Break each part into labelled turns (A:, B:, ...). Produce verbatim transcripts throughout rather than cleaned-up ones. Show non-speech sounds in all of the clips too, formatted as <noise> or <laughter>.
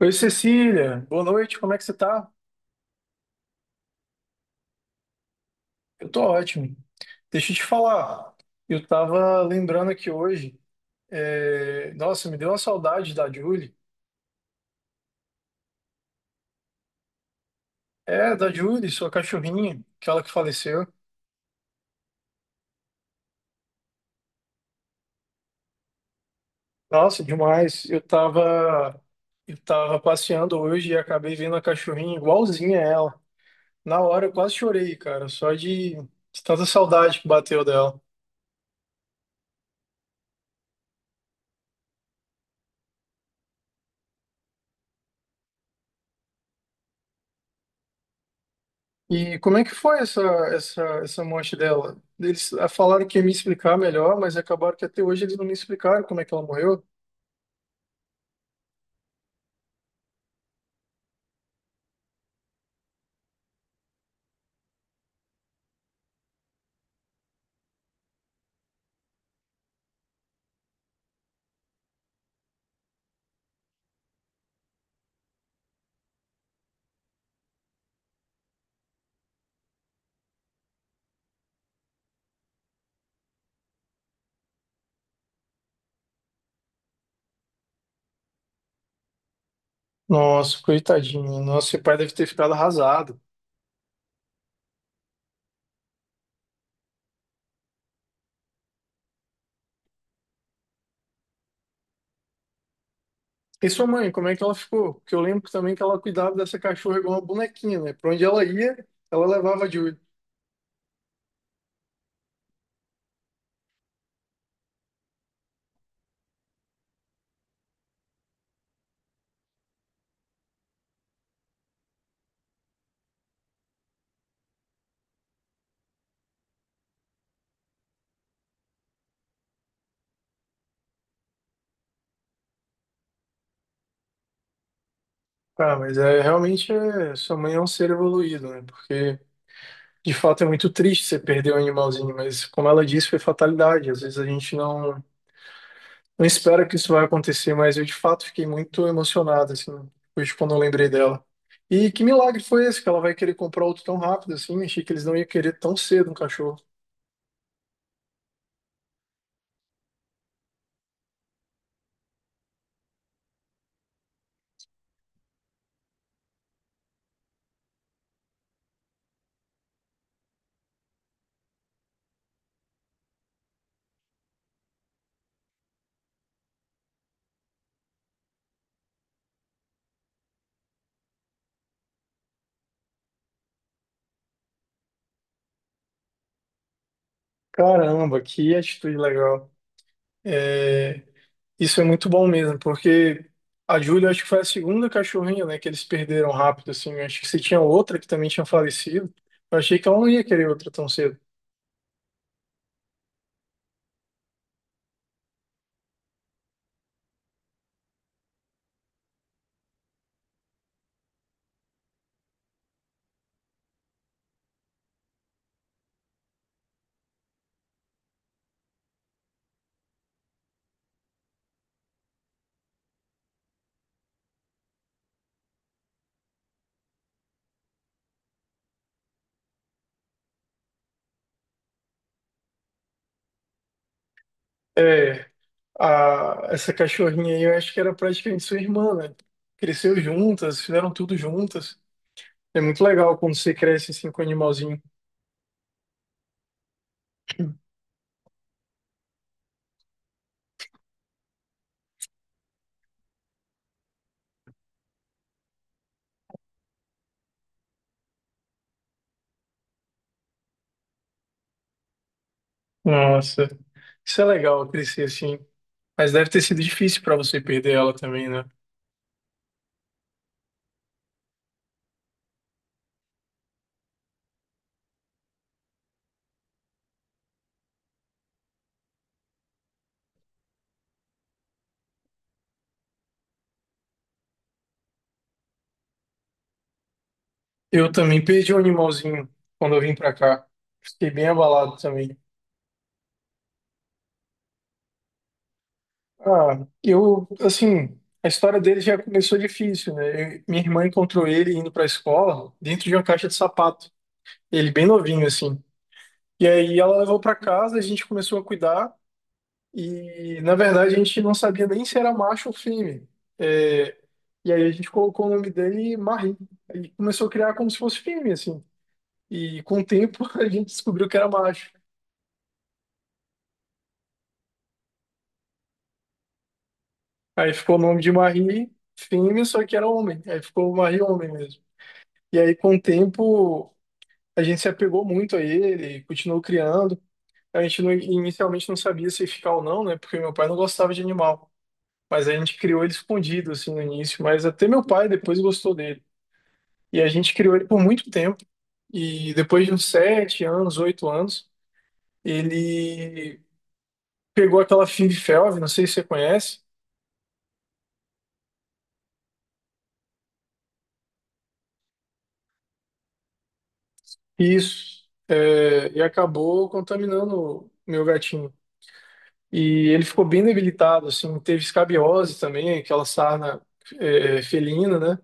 A: Oi, Cecília. Boa noite, como é que você tá? Eu tô ótimo. Deixa eu te falar. Eu tava lembrando aqui hoje. é, Nossa, me deu uma saudade da Julie. É, da Julie, sua cachorrinha, aquela que faleceu. Nossa, demais. Eu tava... eu tava passeando hoje e acabei vendo a cachorrinha igualzinha a ela. Na hora eu quase chorei, cara, só de, de tanta saudade que bateu dela. E como é que foi essa, essa, essa morte dela? Eles ah, falaram que ia me explicar melhor, mas acabaram que até hoje eles não me explicaram como é que ela morreu. Nossa, coitadinha. Nossa, seu pai deve ter ficado arrasado. E sua mãe, como é que ela ficou? Porque eu lembro também que ela cuidava dessa cachorra igual uma bonequinha, né? Pra onde ela ia, ela levava de olho. Cara, mas é, realmente é, sua mãe é um ser evoluído, né? Porque de fato é muito triste você perder um animalzinho, mas como ela disse, foi fatalidade. Às vezes a gente não. Não espero que isso vai acontecer, mas eu de fato fiquei muito emocionado, assim, depois de quando eu lembrei dela. E que milagre foi esse que ela vai querer comprar outro tão rápido assim? Achei que eles não iam querer tão cedo um cachorro. Caramba, que atitude legal. É, isso é muito bom mesmo, porque a Júlia acho que foi a segunda cachorrinha, né, que eles perderam rápido assim. Eu acho que se tinha outra que também tinha falecido, eu achei que ela não ia querer outra tão cedo. É. A- essa cachorrinha aí, eu acho que era praticamente sua irmã, né? Cresceu juntas, fizeram tudo juntas. É muito legal quando você cresce assim com o animalzinho. Nossa, isso é legal crescer assim. Mas deve ter sido difícil para você perder ela também, né? Eu também perdi um animalzinho quando eu vim para cá. Fiquei bem abalado também. Ah, eu, assim, a história dele já começou difícil, né? Eu- minha irmã encontrou ele indo para a escola dentro de uma caixa de sapato. Ele bem novinho, assim. E aí ela levou para casa, a gente começou a cuidar e na verdade a gente não sabia nem se era macho ou fêmea. É, e aí a gente colocou o nome dele Marie. Aí começou a criar como se fosse fêmea assim. E com o tempo <laughs> a gente descobriu que era macho. Aí ficou o nome de Marie fêmea, só que era homem. Aí ficou Marie homem mesmo. E aí com o tempo a gente se apegou muito a ele, continuou criando. A gente não- Inicialmente não sabia se ia ficar ou não, né? Porque meu pai não gostava de animal. Mas a gente criou ele escondido, assim, no início. Mas até meu pai depois gostou dele. E a gente criou ele por muito tempo. E depois de uns sete anos, oito anos, ele pegou aquela Fib-Felv, não sei se você conhece, e, isso, é, e acabou contaminando o meu gatinho. E ele ficou bem debilitado, assim, teve escabiosa também, aquela sarna, é, felina, né?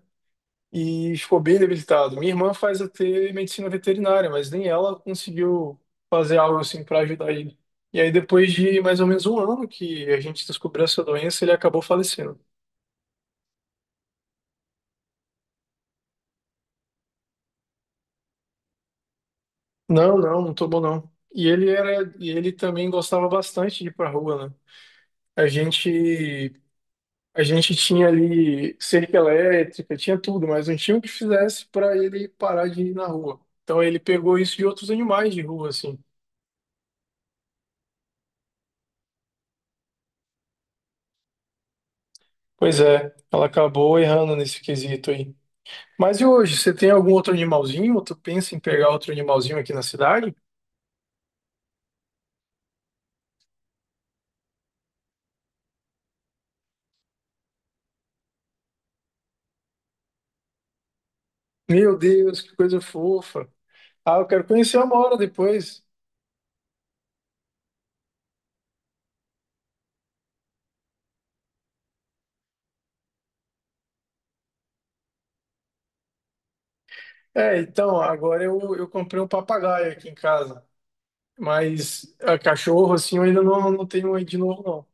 A: E ficou bem debilitado. Minha irmã faz até medicina veterinária, mas nem ela conseguiu fazer algo assim para ajudar ele. E aí, depois de mais ou menos um ano que a gente descobriu essa doença, ele acabou falecendo. Não, não, não tomou não. E ele era, e ele também gostava bastante de ir pra rua, né? A gente, a gente tinha ali cerca elétrica, tinha tudo, mas não tinha o que fizesse para ele parar de ir na rua. Então ele pegou isso de outros animais de rua, assim. Pois é, ela acabou errando nesse quesito aí. Mas e hoje, você tem algum outro animalzinho? Ou tu pensa em pegar outro animalzinho aqui na cidade? Meu Deus, que coisa fofa. Ah, eu quero conhecer uma hora depois. É, então, agora eu, eu comprei um papagaio aqui em casa. Mas ah, cachorro, assim, eu ainda não, não tenho aí de novo, não.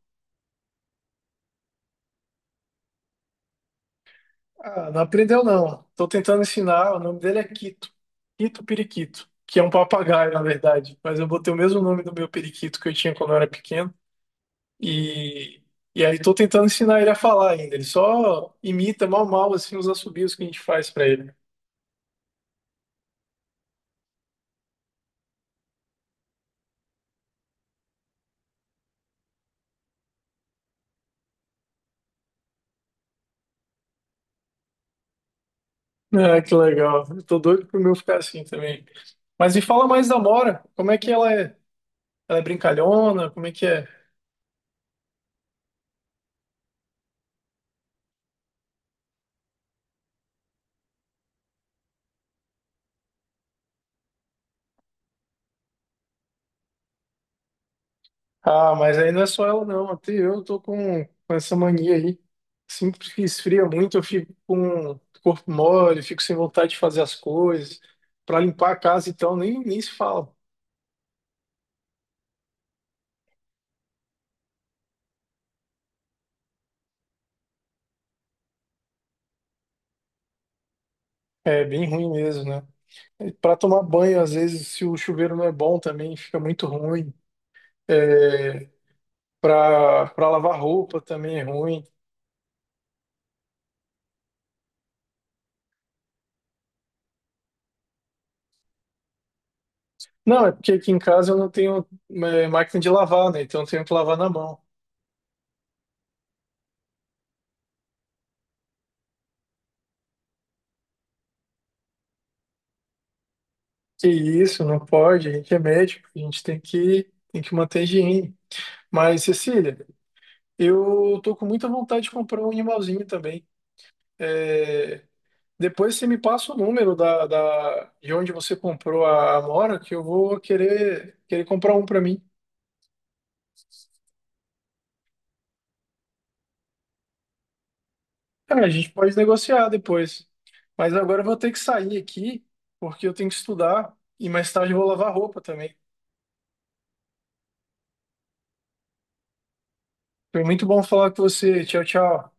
A: Ah, não aprendeu, não. Tô tentando ensinar. O nome dele é Quito. Quito Periquito, que é um papagaio, na verdade. Mas eu botei o mesmo nome do meu periquito que eu tinha quando eu era pequeno. E, e aí tô tentando ensinar ele a falar ainda. Ele só imita mal mal assim os assobios que a gente faz pra ele. Ah, que legal. Eu tô doido pro meu ficar assim também. Mas me fala mais da Mora. Como é que ela é? Ela é brincalhona? Como é que é? Ah, mas aí não é só ela não. Até eu tô com, com essa mania aí. Sempre que esfria muito, eu fico com o corpo mole, fico sem vontade de fazer as coisas. Pra limpar a casa, então, nem, nem se fala. É bem ruim mesmo, né? Para tomar banho, às vezes, se o chuveiro não é bom também, fica muito ruim. É, para para lavar roupa também é ruim. Não, é porque aqui em casa eu não tenho é, máquina de lavar, né? Então eu tenho que lavar na mão. Que isso, não pode, a gente é médico, a gente tem que, tem que manter a higiene. Mas, Cecília, eu tô com muita vontade de comprar um animalzinho também. É, Depois você me passa o número da, da, de onde você comprou a Amora, que eu vou querer, querer comprar um para mim. Cara, a gente pode negociar depois. Mas agora eu vou ter que sair aqui, porque eu tenho que estudar e mais tarde eu vou lavar roupa também. Foi muito bom falar com você. Tchau, tchau.